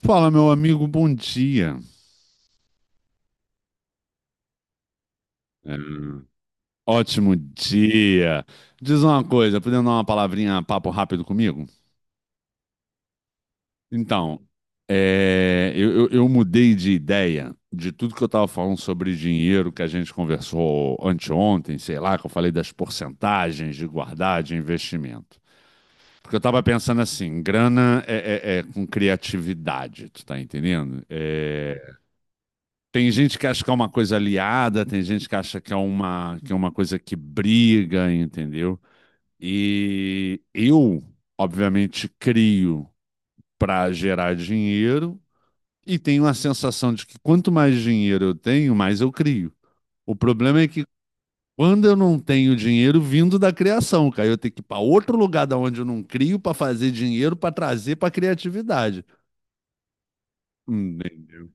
Fala, meu amigo, bom dia. É, ótimo dia. Diz uma coisa, podendo dar uma palavrinha, papo rápido comigo? Então, eu mudei de ideia de tudo que eu estava falando sobre dinheiro que a gente conversou anteontem, sei lá, que eu falei das porcentagens de guardar, de investimento. Porque eu estava pensando assim, grana é com criatividade, tu tá entendendo? Tem gente que acha que é uma coisa aliada, tem gente que acha que é uma coisa que briga, entendeu? E eu, obviamente, crio para gerar dinheiro e tenho a sensação de que quanto mais dinheiro eu tenho, mais eu crio. O problema é que quando eu não tenho dinheiro vindo da criação, cara, eu tenho que ir para outro lugar da onde eu não crio para fazer dinheiro para trazer para a criatividade. Entendeu?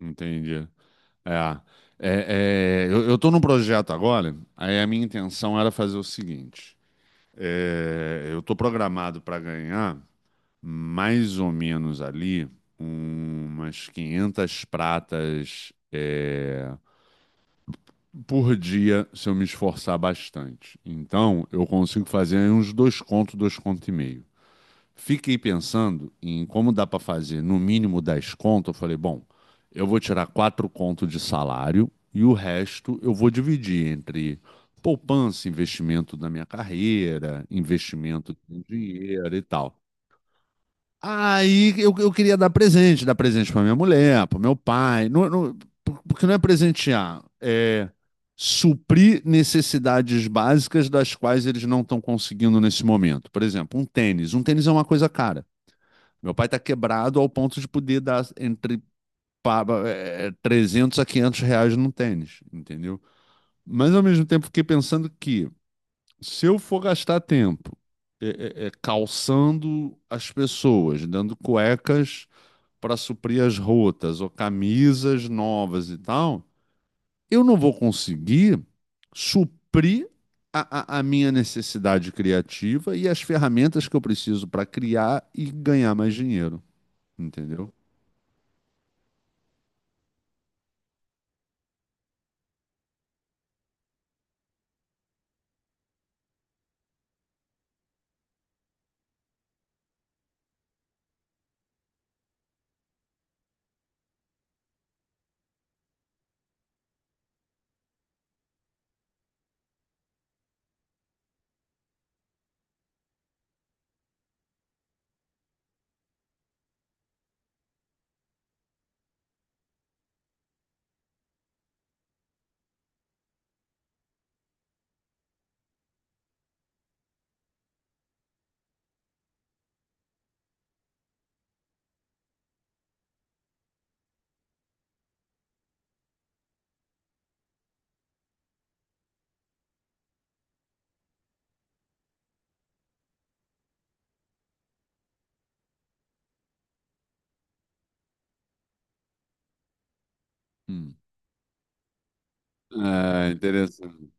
Entendi. É, eu tô num projeto agora, aí a minha intenção era fazer o seguinte: eu tô programado para ganhar mais ou menos ali umas 500 pratas por dia se eu me esforçar bastante. Então, eu consigo fazer aí uns 2 contos, 2 contos e meio. Fiquei pensando em como dá para fazer no mínimo 10 conto. Eu falei, bom, eu vou tirar 4 conto de salário e o resto eu vou dividir entre poupança, investimento na minha carreira, investimento em dinheiro e tal. Aí eu queria dar presente para minha mulher, para meu pai, porque não é presentear, é suprir necessidades básicas das quais eles não estão conseguindo nesse momento. Por exemplo, um tênis. Um tênis é uma coisa cara. Meu pai tá quebrado ao ponto de poder dar entre 300 a 500 reais num tênis, entendeu? Mas ao mesmo tempo fiquei pensando que se eu for gastar tempo calçando as pessoas, dando cuecas para suprir as rotas ou camisas novas e tal, eu não vou conseguir suprir a minha necessidade criativa e as ferramentas que eu preciso para criar e ganhar mais dinheiro, entendeu? Hum. É, interessante.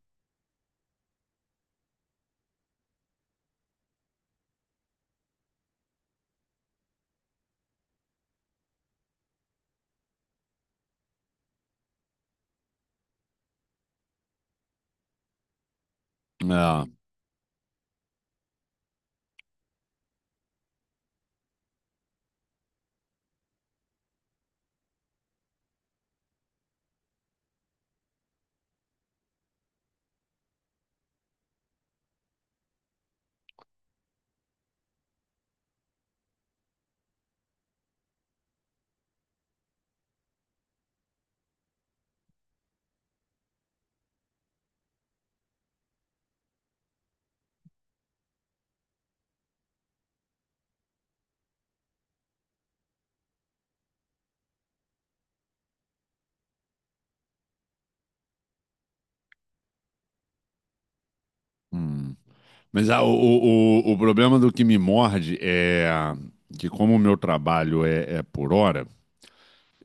Ah, hum. Mas o problema do que me morde é que, como o meu trabalho é por hora,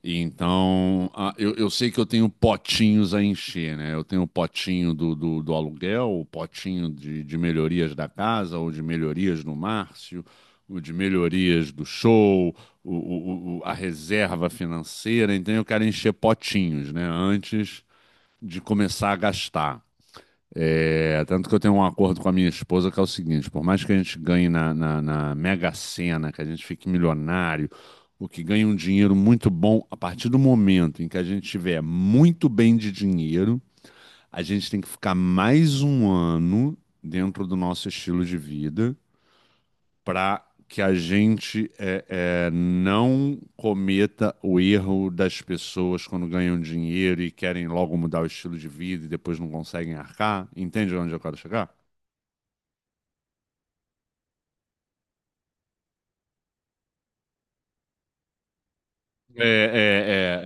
então eu sei que eu tenho potinhos a encher, né? Eu tenho o potinho do aluguel, o potinho de melhorias da casa, ou de melhorias no Márcio, o de melhorias do show, a reserva financeira. Então eu quero encher potinhos, né? Antes de começar a gastar. É, tanto que eu tenho um acordo com a minha esposa que é o seguinte: por mais que a gente ganhe na Mega Sena, que a gente fique milionário, o que ganha um dinheiro muito bom, a partir do momento em que a gente tiver muito bem de dinheiro, a gente tem que ficar mais um ano dentro do nosso estilo de vida para que a gente não cometa o erro das pessoas quando ganham dinheiro e querem logo mudar o estilo de vida e depois não conseguem arcar. Entende onde eu quero chegar? É,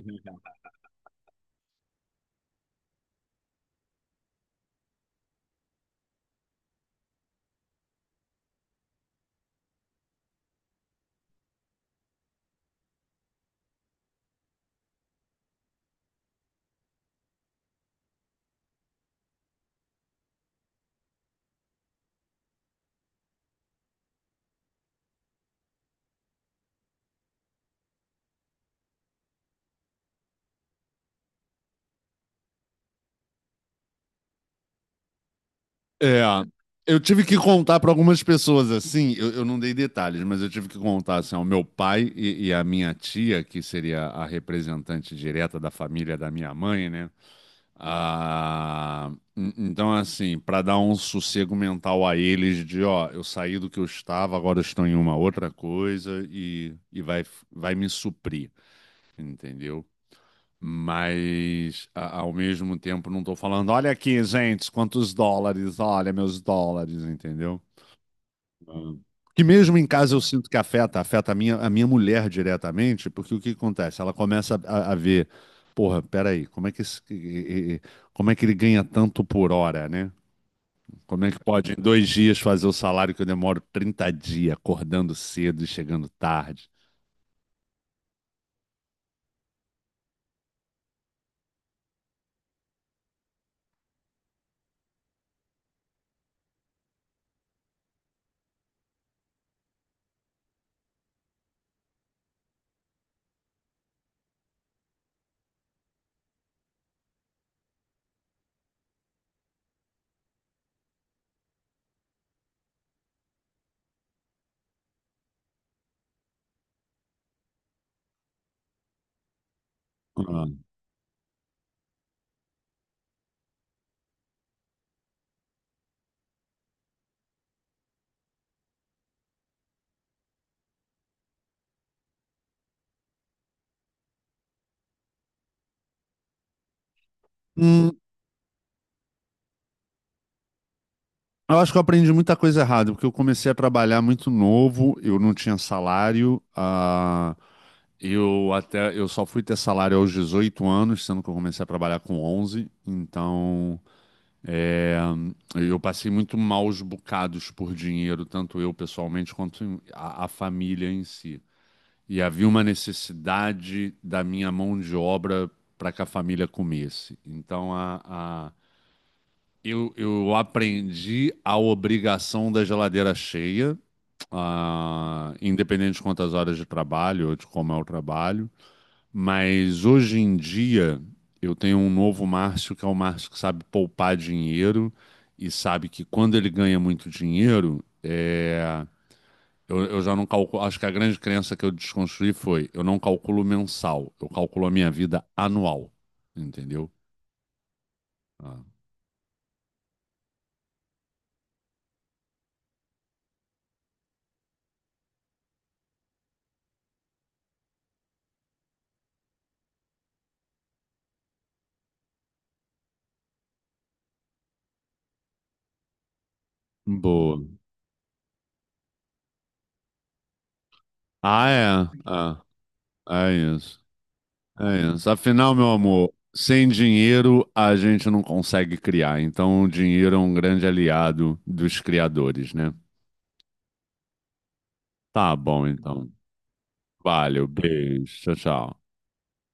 é, é, é. Eu tive que contar para algumas pessoas assim, eu não dei detalhes, mas eu tive que contar assim, ao meu pai e à minha tia, que seria a representante direta da família da minha mãe, né? Ah, então, assim, para dar um sossego mental a eles de, ó, eu saí do que eu estava, agora eu estou em uma outra coisa e vai me suprir, entendeu? Mas, ao mesmo tempo, não estou falando, olha aqui, gente, quantos dólares, olha meus dólares, entendeu? Que mesmo em casa eu sinto que afeta, afeta a minha mulher diretamente, porque o que acontece? Ela começa a ver, porra, peraí, como é que ele ganha tanto por hora, né? Como é que pode em 2 dias fazer o salário que eu demoro 30 dias, acordando cedo e chegando tarde? Ah. Hum, eu acho que eu aprendi muita coisa errada, porque eu comecei a trabalhar muito novo, eu não tinha salário, eu até eu só fui ter salário aos 18 anos, sendo que eu comecei a trabalhar com 11. Então, é, eu passei muito maus bocados por dinheiro, tanto eu pessoalmente quanto a família em si. E havia uma necessidade da minha mão de obra para que a família comesse. Então, a- eu aprendi a obrigação da geladeira cheia, independente de quantas horas de trabalho ou de como é o trabalho. Mas hoje em dia eu tenho um novo Márcio, que é o Márcio que sabe poupar dinheiro e sabe que quando ele ganha muito dinheiro, eu já não calculo. Acho que a grande crença que eu desconstruí foi: eu não calculo mensal, eu calculo a minha vida anual. Entendeu? Ah, boa. Ah, é. Ah, é isso. É isso. Afinal, meu amor, sem dinheiro a gente não consegue criar. Então, o dinheiro é um grande aliado dos criadores, né? Tá bom, então. Valeu, beijo, tchau, tchau.